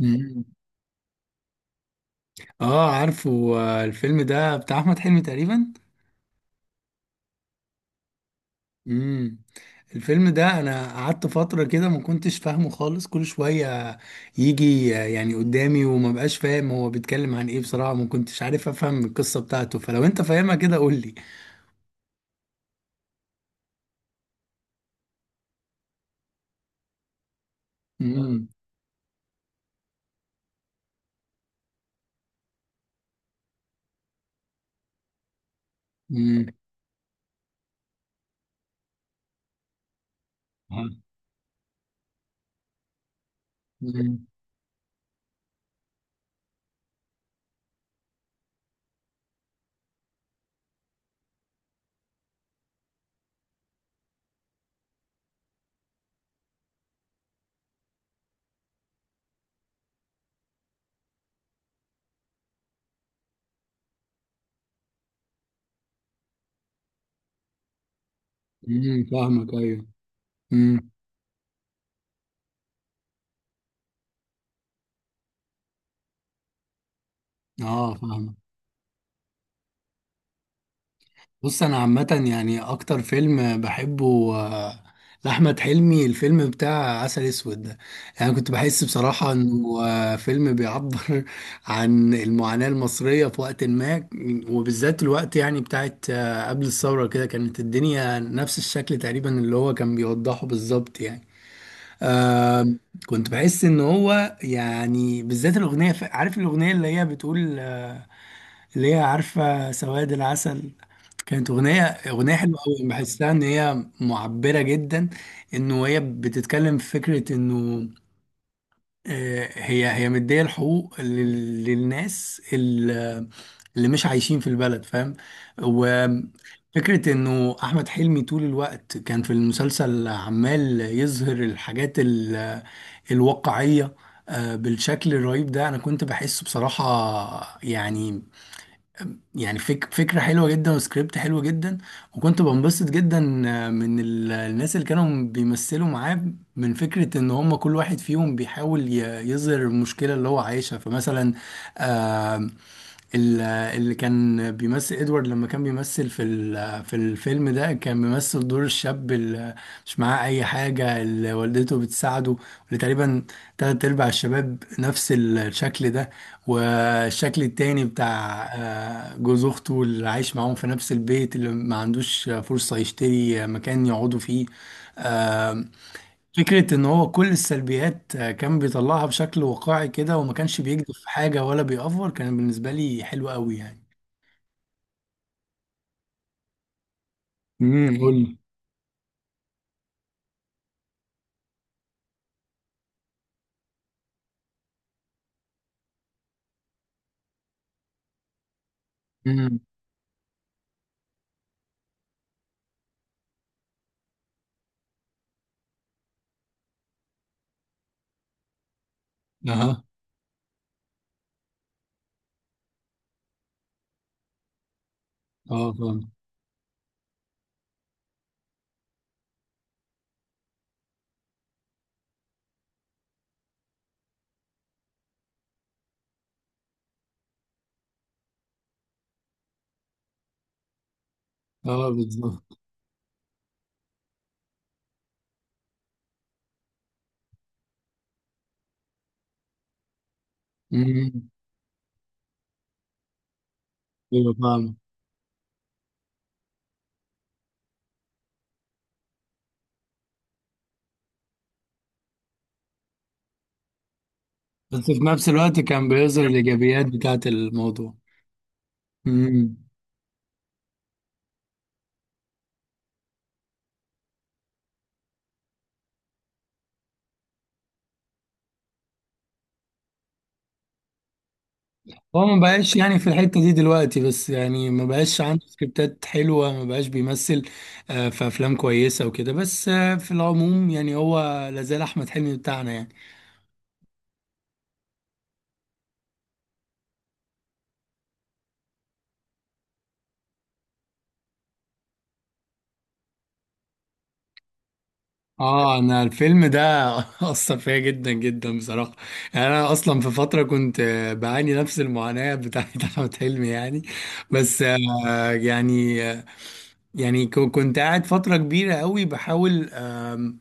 مم. اه، عارفه. الفيلم ده بتاع احمد حلمي تقريبا. امم الفيلم ده انا قعدت فتره كده ما كنتش فاهمه خالص، كل شويه يجي، يعني قدامي، وما بقاش فاهم هو بيتكلم عن ايه. بصراحه ما كنتش عارف افهم القصه بتاعته، فلو انت فاهمها كده قول لي. امم. امم. امم. فاهمك، ايوه. امم. اه، فاهمك. بص، انا عامه يعني اكتر فيلم بحبه لاحمد حلمي الفيلم بتاع عسل اسود ده. يعني كنت بحس بصراحه انه فيلم بيعبر عن المعاناه المصريه في وقت ما، وبالذات الوقت يعني بتاعت قبل الثوره، كده كانت الدنيا نفس الشكل تقريبا اللي هو كان بيوضحه بالظبط يعني. آه كنت بحس ان هو يعني، بالذات الاغنيه، عارف الاغنيه اللي هي بتقول اللي هي عارفه، سواد العسل. كانت أغنية حلوة أوي، بحسها إن هي معبرة جدا. إنه هي بتتكلم في فكرة إنه، هي مدية الحقوق للناس اللي مش عايشين في البلد، فاهم. وفكرة إنه أحمد حلمي طول الوقت كان في المسلسل عمال يظهر الحاجات الواقعية، بالشكل الرهيب ده أنا كنت بحسه بصراحة يعني. يعني فكرة حلوة جدا وسكريبت حلو جدا، وكنت بنبسط جدا من الناس اللي كانوا بيمثلوا معاه، من فكرة ان هم كل واحد فيهم بيحاول يظهر المشكلة اللي هو عايشها. فمثلا ال- اللي كان بيمثل ادوارد، لما كان بيمثل في الفيلم ده كان بيمثل دور الشاب اللي مش معاه اي حاجه، اللي والدته بتساعده، اللي تقريبا تلات ارباع الشباب نفس الشكل ده. والشكل التاني بتاع جوز اخته اللي عايش معاهم في نفس البيت، اللي ما عندوش فرصه يشتري مكان يقعدوا فيه. فكرة إن هو كل السلبيات كان بيطلعها بشكل واقعي كده، وما كانش بيكذب في حاجة ولا بيأفور. كان بالنسبة لي حلو قوي يعني. قول لي. امم. اها. اه، فاهم. اه، بالظبط. امم. ايوه، فاهم. بس في نفس الوقت كان بيظهر الايجابيات بتاعت الموضوع. امم. هو ما بقاش يعني في الحته دي دلوقتي، بس يعني ما بقاش عنده سكريبتات حلوه، ما بقاش بيمثل في افلام كويسه وكده، بس في العموم يعني هو لازال احمد حلمي بتاعنا يعني. اه، انا الفيلم ده اثر فيا جدا جدا بصراحه. يعني انا اصلا في فتره كنت بعاني نفس المعاناه بتاعت احمد حلمي يعني. بس يعني يعني كنت قاعد فتره كبيره قوي بحاول،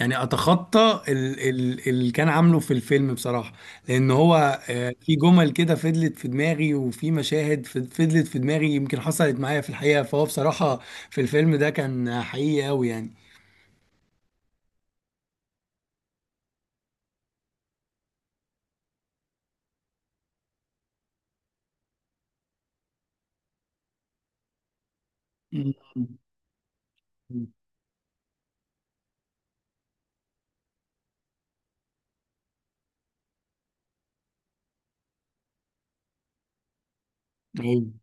يعني اتخطى اللي كان عامله في الفيلم بصراحه. لان هو في جمل كده فضلت في دماغي، وفي مشاهد فضلت في دماغي، يمكن حصلت معايا في الحقيقه. فهو بصراحه في الفيلم ده كان حقيقي قوي يعني. مم.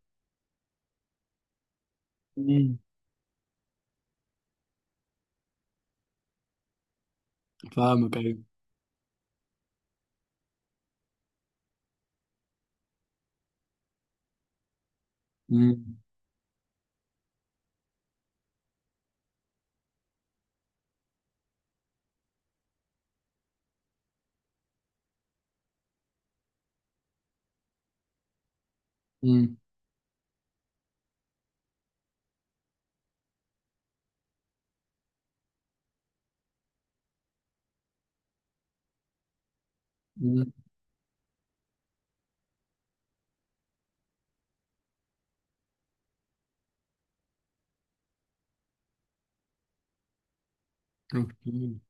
مم. فاهمك، ايوه. مم. مم. مم. أوكي.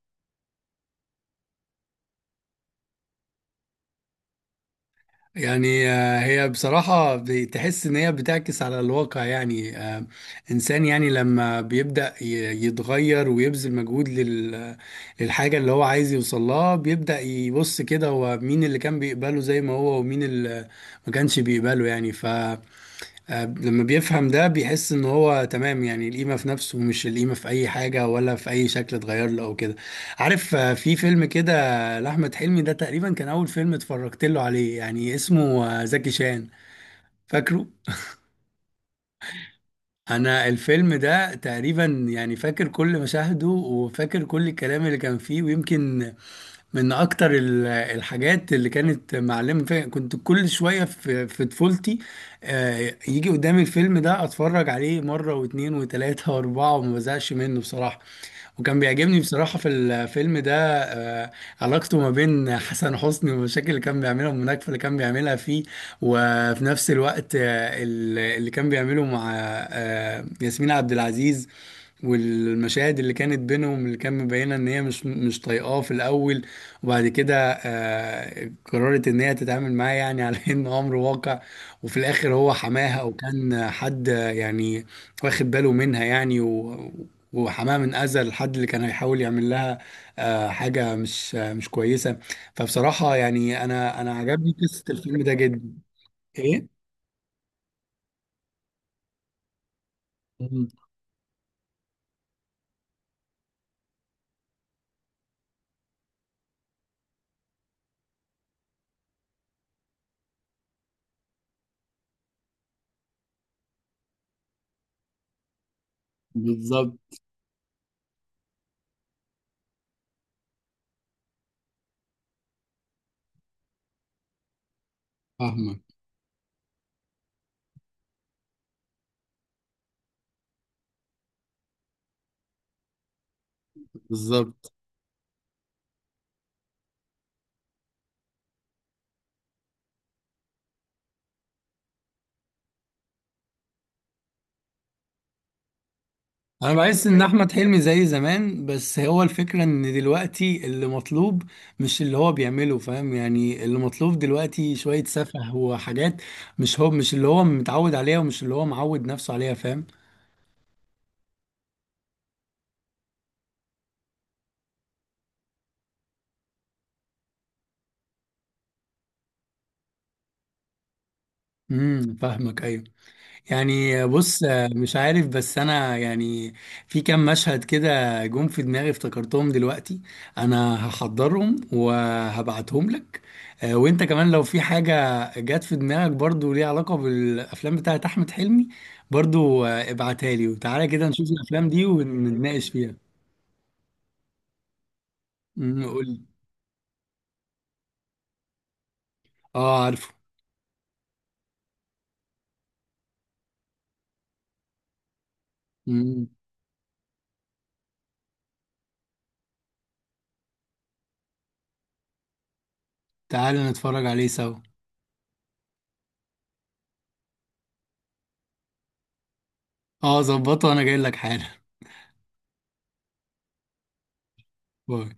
يعني هي بصراحة بتحس إن هي بتعكس على الواقع، يعني، إنسان يعني لما بيبدأ يتغير ويبذل مجهود للحاجة اللي هو عايز يوصل لها، بيبدأ يبص كده هو مين اللي كان بيقبله زي ما هو، ومين اللي ما كانش بيقبله يعني. لما بيفهم ده بيحس ان هو تمام، يعني القيمة في نفسه، مش القيمة في اي حاجة ولا في اي شكل اتغير له او كده. عارف، في فيلم كده لأحمد حلمي، ده تقريبا كان اول فيلم اتفرجت له عليه، يعني اسمه زكي شان، فاكره. انا الفيلم ده تقريبا يعني فاكر كل مشاهده، وفاكر كل الكلام اللي كان فيه. ويمكن من اكتر الحاجات اللي كانت معلمه فيا، كنت كل شويه في طفولتي يجي قدامي الفيلم ده اتفرج عليه مره واتنين وتلاته واربعه، وما بزهقش منه بصراحه. وكان بيعجبني بصراحه في الفيلم ده آه، علاقته ما بين حسن حسني، والمشاكل اللي كان بيعملها والمناكفه اللي كان بيعملها فيه. وفي نفس الوقت اللي كان بيعمله مع ياسمين عبد العزيز، والمشاهد اللي كانت بينهم، اللي كان مبينه ان هي مش طايقاه في الاول. وبعد كده قررت ان هي تتعامل معاه يعني على انه امر واقع. وفي الاخر هو حماها، وكان حد يعني واخد باله منها يعني، وحماها من اذى الحد اللي كان هيحاول يعمل لها حاجه مش كويسه. فبصراحه يعني انا عجبني قصه الفيلم ده جدا. ايه؟ مم. بالظبط. فاهمك. بالظبط. انا بحس ان احمد حلمي زي زمان، بس هو الفكره ان دلوقتي اللي مطلوب مش اللي هو بيعمله، فاهم يعني. اللي مطلوب دلوقتي شويه سفه وحاجات، مش هو، مش اللي هو متعود عليها ومش اللي هو معود نفسه عليها، فاهم. امم. فاهمك، ايوه. يعني بص، مش عارف، بس انا يعني في كام مشهد كده جم في دماغي افتكرتهم دلوقتي، انا هحضرهم وهبعتهم لك. وانت كمان لو في حاجة جت في دماغك، برضو ليها علاقة بالافلام بتاعت احمد حلمي، برضو ابعتها لي، وتعالى كده نشوف الافلام دي ونتناقش فيها. قول لي. اه، عارفه. أمم، تعالى نتفرج عليه سوا. اه، ظبطه، انا جاي لك حالا. باي.